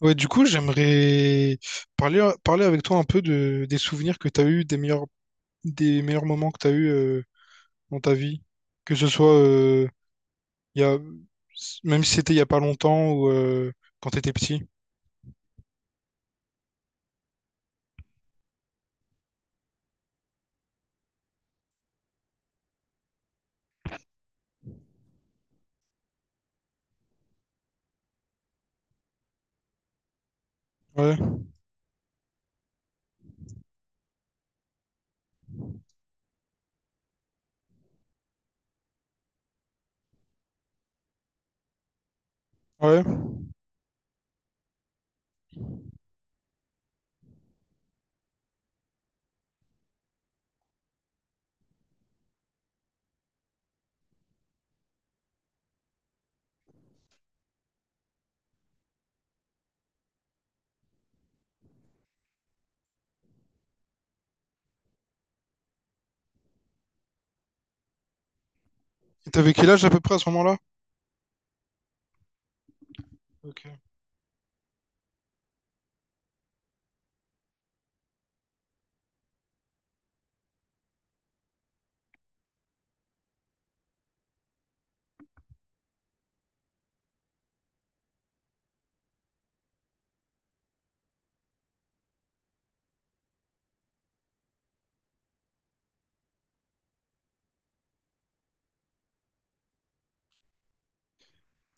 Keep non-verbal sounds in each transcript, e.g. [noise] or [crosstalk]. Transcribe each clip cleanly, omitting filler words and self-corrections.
Ouais, du coup, j'aimerais parler avec toi un peu des souvenirs que tu as eu, des meilleurs moments que tu as eu dans ta vie. Que ce soit il y a, même si c'était il y a pas longtemps ou quand tu étais petit. Ouais, ouais. Et t'avais quel âge à peu près à ce moment-là? Ok.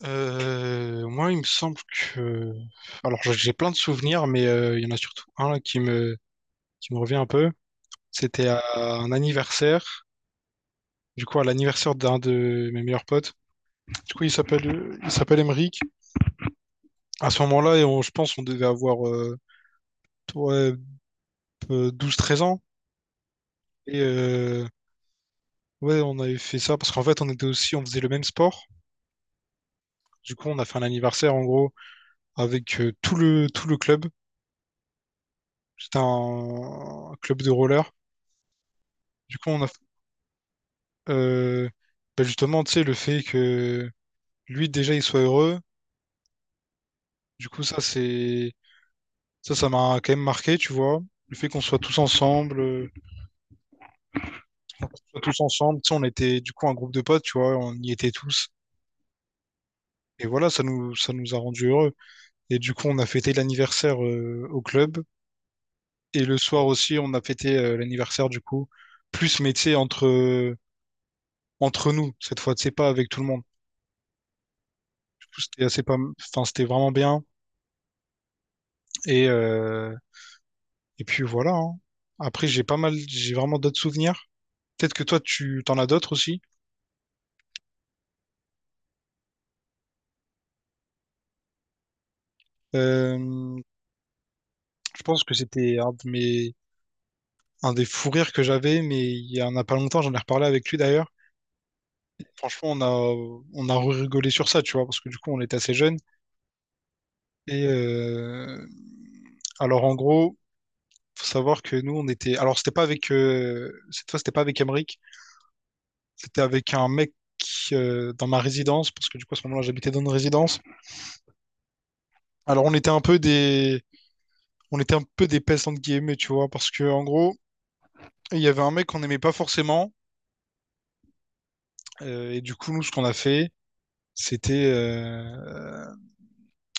Moi, il me semble que... Alors, j'ai plein de souvenirs, mais il y en a surtout un là, qui me revient un peu. C'était à un anniversaire, du coup, à l'anniversaire d'un de mes meilleurs potes. Du coup, il s'appelle Emeric. À ce moment-là, et je pense on devait avoir ouais, 12-13 ans. Et ouais, on avait fait ça parce qu'en fait, on faisait le même sport. Du coup, on a fait un anniversaire en gros avec tout le club. C'était un club de roller. Du coup, on a euh, bah, justement, tu sais, le fait que lui déjà il soit heureux. Du coup, ça c'est Ça, ça m'a quand même marqué, tu vois. Le fait qu'on soit tous ensemble, tu sais, on était du coup un groupe de potes, tu vois, on y était tous. Et voilà, ça nous a rendus heureux. Et du coup, on a fêté l'anniversaire au club. Et le soir aussi, on a fêté l'anniversaire du coup, plus, mais tu sais, entre nous, cette fois, tu sais, pas avec tout le monde. Du coup, c'était assez pas, enfin, c'était vraiment bien. Et, euh, et puis voilà, hein. Après, j'ai pas mal, j'ai vraiment d'autres souvenirs. Peut-être que toi, tu t'en as d'autres aussi. Euh, Je pense que c'était un de mes... un des fous rires que j'avais, mais il y en a pas longtemps, j'en ai reparlé avec lui d'ailleurs. Franchement, on a rigolé sur ça, tu vois, parce que du coup, on était assez jeunes. Et alors, en gros, faut savoir que nous, on était. Alors, c'était pas avec. Cette fois, c'était pas avec Emric, c'était avec un mec qui, dans ma résidence, parce que du coup, à ce moment-là, j'habitais dans une résidence. Alors, on était un peu des. On était un peu des pestes, entre guillemets, tu vois, parce que, en gros, il y avait un mec qu'on n'aimait pas forcément. Et du coup, nous, ce qu'on a fait, c'était,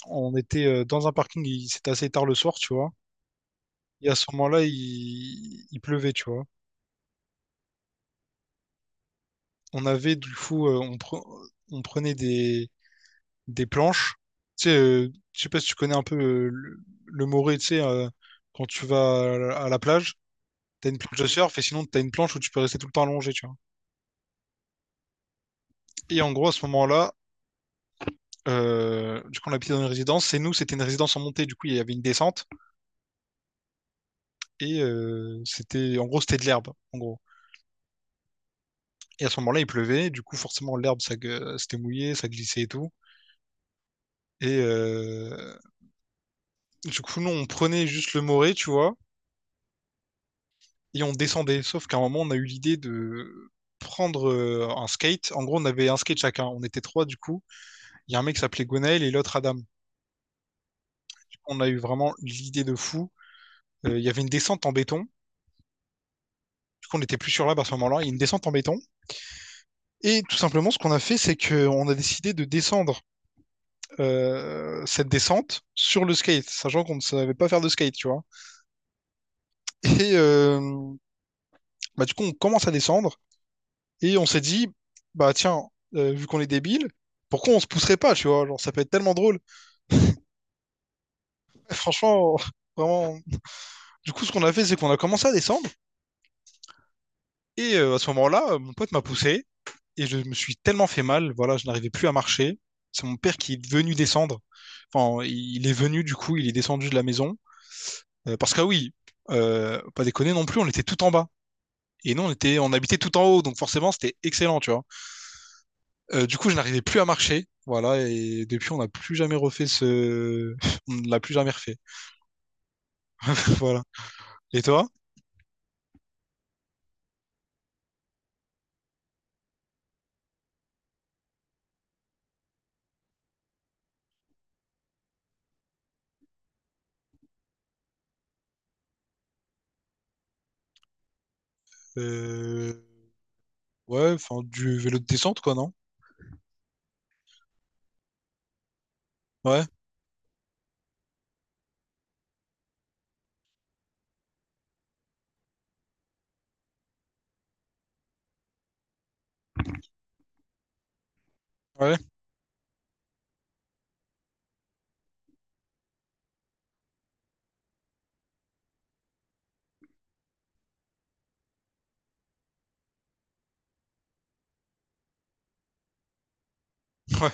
on était dans un parking, c'était assez tard le soir, tu vois. Et à ce moment-là, il pleuvait, tu vois. On avait du coup, on prenait des planches. Tu sais, je sais pas si tu connais un peu le Morez, tu sais, quand tu vas à la plage, t'as une planche de surf et sinon t'as une planche où tu peux rester tout le temps allongé, tu vois. Et en gros, à ce moment-là, du coup, on habitait dans une résidence. C'était une résidence en montée, du coup, il y avait une descente et c'était, en gros, c'était de l'herbe, en gros. Et à ce moment-là, il pleuvait, du coup, forcément, c'était mouillé, ça glissait et tout. Et du coup, nous, on prenait juste le moré, tu vois, et on descendait. Sauf qu'à un moment, on a eu l'idée de prendre un skate. En gros, on avait un skate chacun. On était trois, du coup. Il y a un mec qui s'appelait Gonel et l'autre Adam. Du coup, on a eu vraiment l'idée de fou. Il y avait une descente en béton. Du coup, on n'était plus sur l'herbe à ce moment-là. Il y a une descente en béton. Et tout simplement, ce qu'on a fait, c'est qu'on a décidé de descendre cette descente sur le skate, sachant qu'on ne savait pas faire de skate, tu vois. Et bah, du coup, on commence à descendre et on s'est dit, bah tiens, vu qu'on est débile, pourquoi on se pousserait pas, tu vois? Genre, ça peut être tellement drôle. [laughs] Franchement, [laughs] vraiment. Du coup, ce qu'on a fait, c'est qu'on a commencé à descendre et à ce moment-là, mon pote m'a poussé et je me suis tellement fait mal. Voilà, je n'arrivais plus à marcher. C'est mon père qui est venu descendre. Enfin, il est venu, du coup, il est descendu de la maison. Parce que, ah oui, pas déconner non plus, on était tout en bas. Et nous, on habitait tout en haut, donc forcément, c'était excellent, tu vois. Du coup, je n'arrivais plus à marcher. Voilà, et depuis, on n'a plus jamais refait ce. [laughs] On ne l'a plus jamais refait. [laughs] Voilà. Et toi? Euh, Ouais, enfin, du vélo de descente, quoi, non? Ouais, ouais, [laughs] ouais.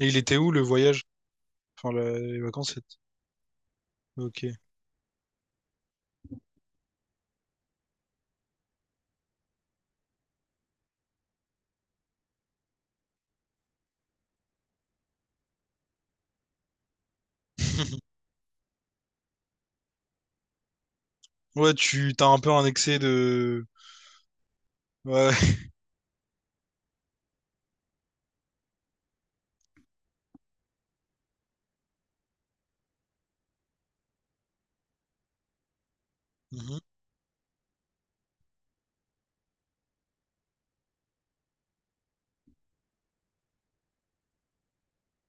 Et il était où le voyage? Enfin, les vacances, c'était- Ok. [laughs] Ouais, tu t'as un peu un excès de. Ouais. [laughs]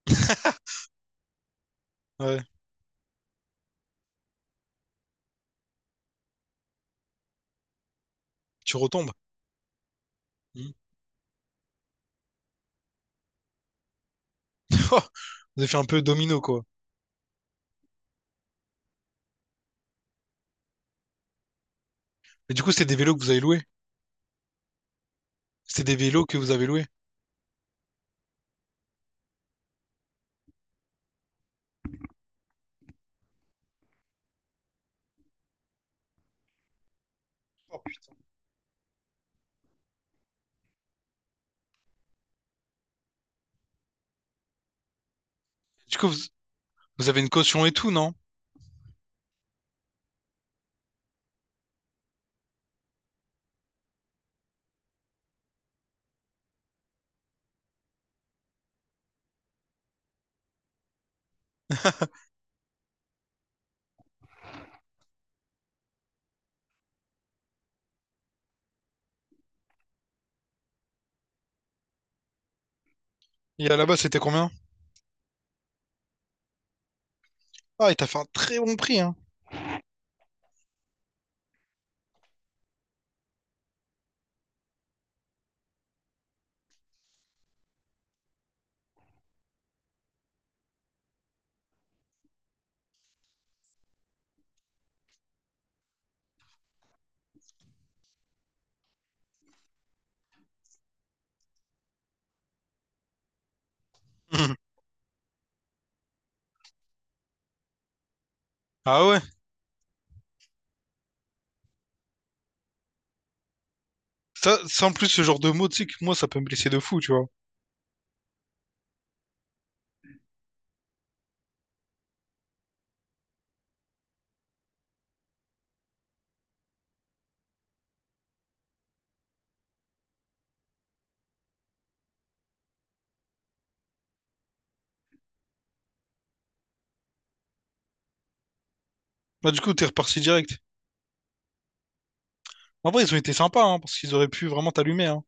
Mhm. Ouais, tu retombes. Mhm. [laughs] Oh, vous avez fait un peu domino, quoi. Mais du coup, c'est des vélos que vous avez loués. C'est des vélos que vous avez loués. Oh, putain. Du coup, vous avez une caution et tout, non? Et à la base, c'était combien? Ah, il t'a fait un très bon prix, hein. Mhm. Ah ouais. Ça, sans plus ce genre de mots, tu sais que moi, ça peut me blesser de fou, tu vois. Bah, du coup, t'es reparti direct. En vrai, ils ont été sympas, hein, parce qu'ils auraient pu vraiment t'allumer, hein.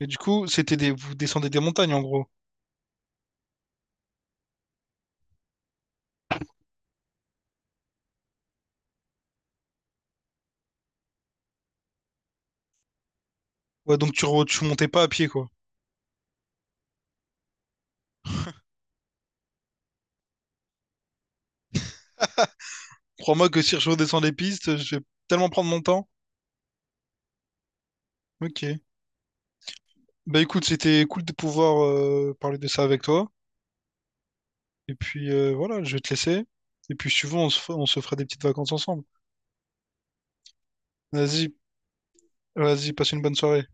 Et du coup, c'était des, vous descendez des montagnes, en gros. Ouais, donc tu montais pas à pied, quoi. Crois-moi que si je redescends les pistes, je vais tellement prendre mon temps. Ok. Bah écoute, c'était cool de pouvoir parler de ça avec toi. Et puis voilà, je vais te laisser. Et puis si tu veux, on se fera des petites vacances ensemble. Vas-y, vas-y, passe une bonne soirée.